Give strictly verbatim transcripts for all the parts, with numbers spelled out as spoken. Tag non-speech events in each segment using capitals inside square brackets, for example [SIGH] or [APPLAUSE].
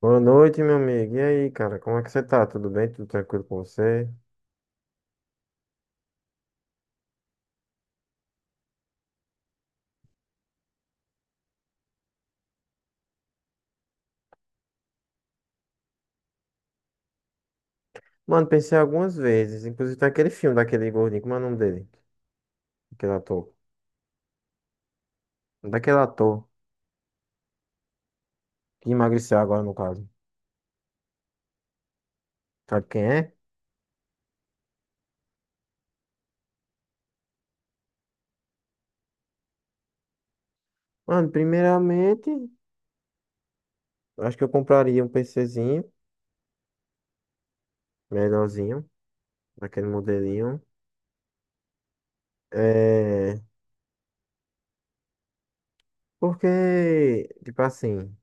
Boa noite, meu amigo. E aí, cara, como é que você tá? Tudo bem? Tudo tranquilo com você? Mano, pensei algumas vezes, inclusive tem aquele filme daquele gordinho, como é o nome dele? Aquele ator. Daquele ator que emagreceu agora, no caso. Sabe quem é? Mano, primeiramente, acho que eu compraria um PCzinho, melhorzinho, daquele modelinho. É... Porque, tipo assim,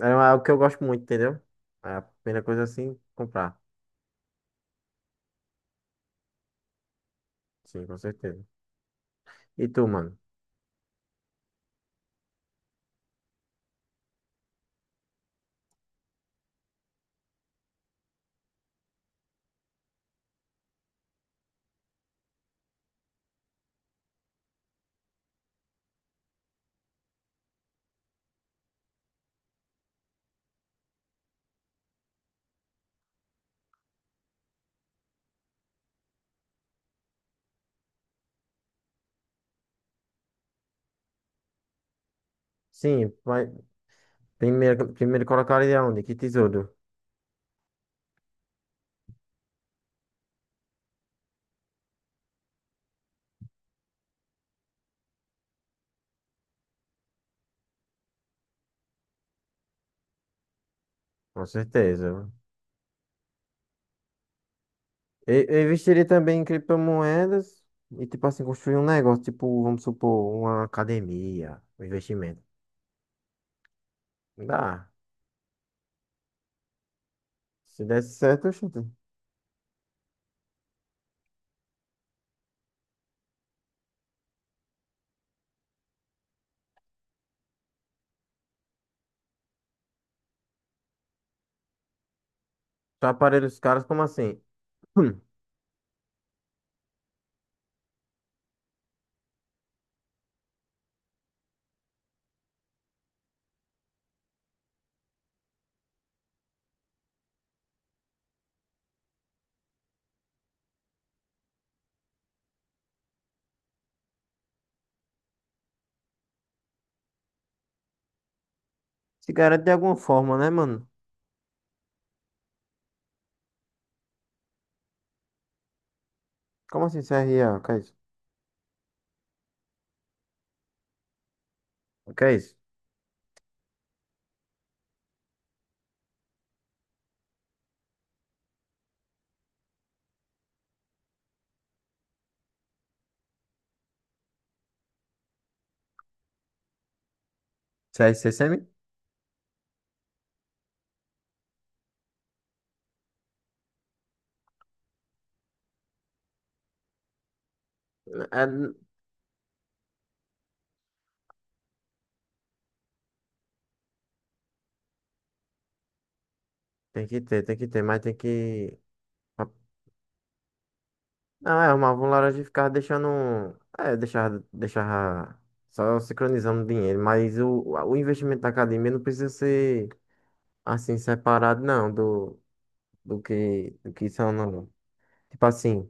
é algo que eu gosto muito, entendeu? É a primeira coisa assim, comprar. Sim, com certeza. E tu, mano? Sim, vai- Primeiro, primeiro colocaria onde? Que tesouro? Com certeza. Eu, eu investiria também em criptomoedas e, tipo assim, construir um negócio, tipo, vamos supor, uma academia, um investimento. Dá. Se desse certo, eu. Tá aparelho os caras, como assim? [CLEARS THROAT] Hum. Se garante de alguma forma, né, mano? Como assim, C R A? O que é isso? O que é isso? C S C M? É, n- Tem que ter, tem que ter, mas tem que. Não, é, arrumava um laranja e ficava deixando. um- É, deixava, deixava só sincronizando dinheiro. Mas o, o investimento da academia não precisa ser assim separado, não, do, do que, do que são. Não. Tipo assim,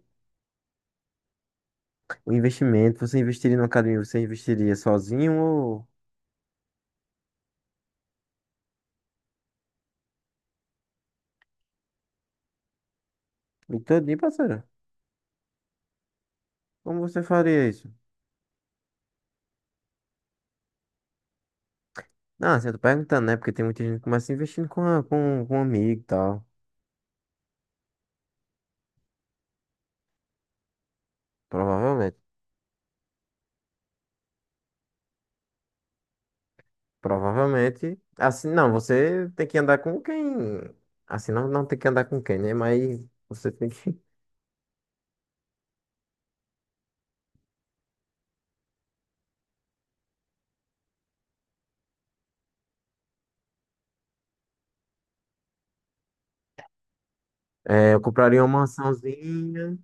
o investimento, você investiria na academia, você investiria sozinho ou e todinho, parceiro? Como você faria isso? Não, assim, eu tô perguntando, né? Porque tem muita gente que começa investindo com, a- com, com um amigo e tal. Provavelmente. Provavelmente. Assim, não, você tem que andar com quem. Assim, não, não tem que andar com quem, né? Mas você tem que. [LAUGHS] É, eu compraria uma mansãozinha.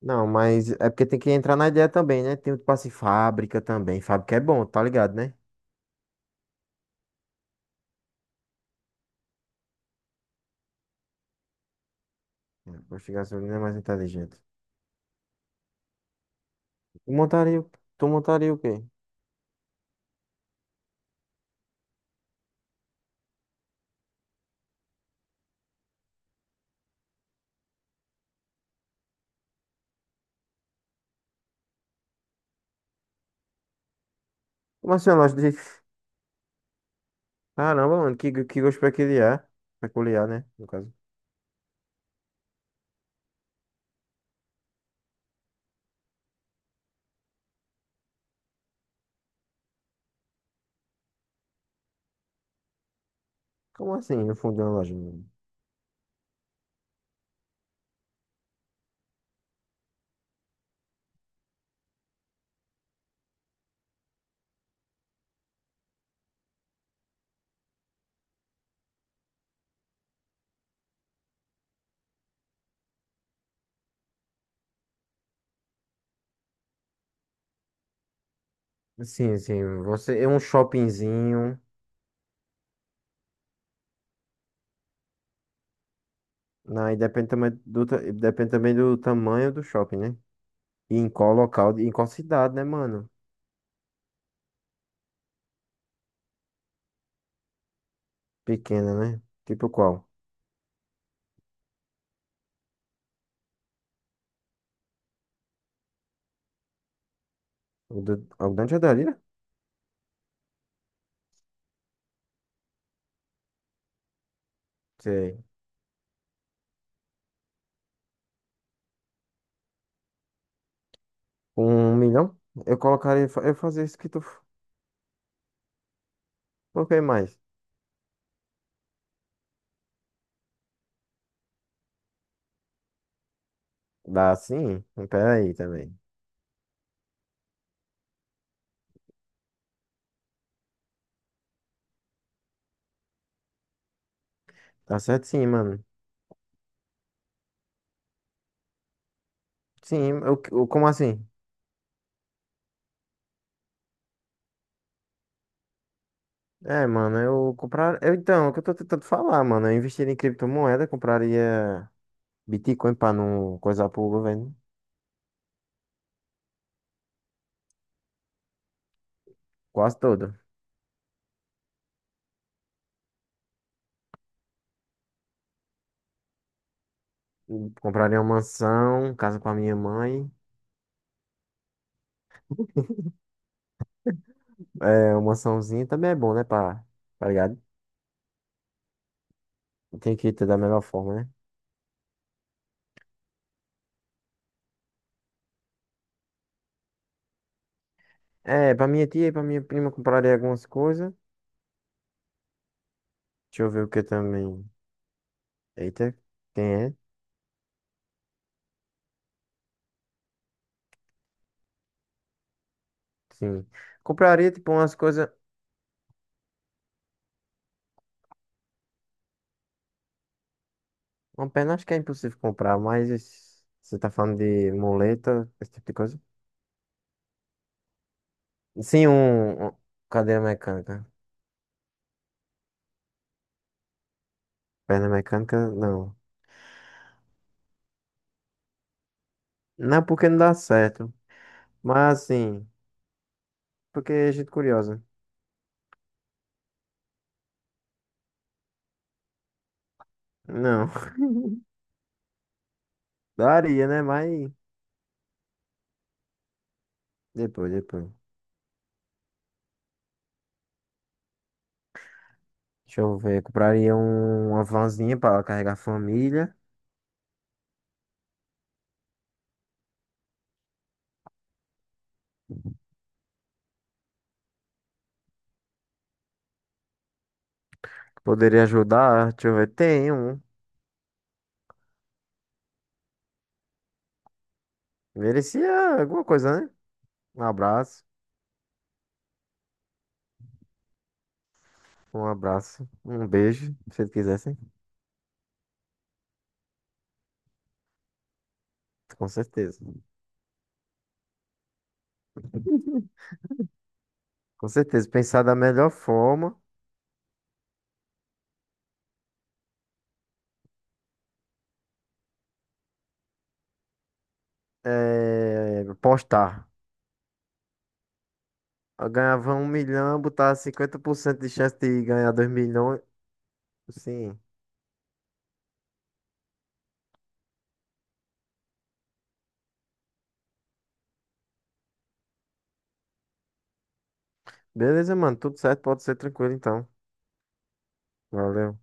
Não, mas é porque tem que entrar na ideia também, né? Tem o passe fábrica também. Fábrica é bom, tá ligado, né? É, posto de gasolina é mais inteligente. Tu montaria, o- Tu montaria o quê? Como assim, uma loja de. Caramba, mano, que, que gosto peculiar. Peculiar, né? No caso. Como assim, no fundo de uma loja, mano? Sim, sim. Você, é um shoppingzinho. Não, e depende também do, ta- depende também do tamanho do shopping, né? E em qual local, em qual cidade, né, mano? Pequena, né? Tipo qual? O do, o Grande Adalira? Sei. Um milhão? Eu colocaria, fa- eu fazia isso que tu f- coloquei mais. Dá sim? Pera aí também. Tá certo sim, mano. Sim, eu, eu- como assim? É, mano, eu comprar. Eu, então, é o que eu tô tentando falar, mano. Eu investiria em criptomoeda, compraria Bitcoin pra não coisar pro governo. Quase todo. Compraria uma mansão, casa com a minha mãe. É, uma mansãozinha também é bom, né? Pra, tá ligado? Tem que ter da melhor forma, né? É, pra minha tia e pra minha prima compraria algumas coisas. Deixa eu ver o que também. Eita, quem é? Sim. Compraria, tipo, umas coisas. Uma perna acho que é impossível comprar, mas você tá falando de muleta, esse tipo de coisa? Sim, um, um cadeira mecânica. Perna mecânica, não. Não é porque não dá certo. Mas assim, porque é gente curiosa. Não. [LAUGHS] Daria, né? Mas depois, depois. Deixa eu ver. Compraria um- uma vanzinha para carregar a família. Que poderia ajudar. Deixa eu ver. Tem um. Merecia alguma coisa, né? Um abraço. Um abraço. Um beijo. Se eles quisessem. Com certeza. Com certeza. Pensar da melhor forma. É... Postar. Eu ganhava um milhão, botar cinquenta por cento de chance de ganhar dois milhões. Sim. Beleza, mano. Tudo certo. Pode ser tranquilo, então. Valeu.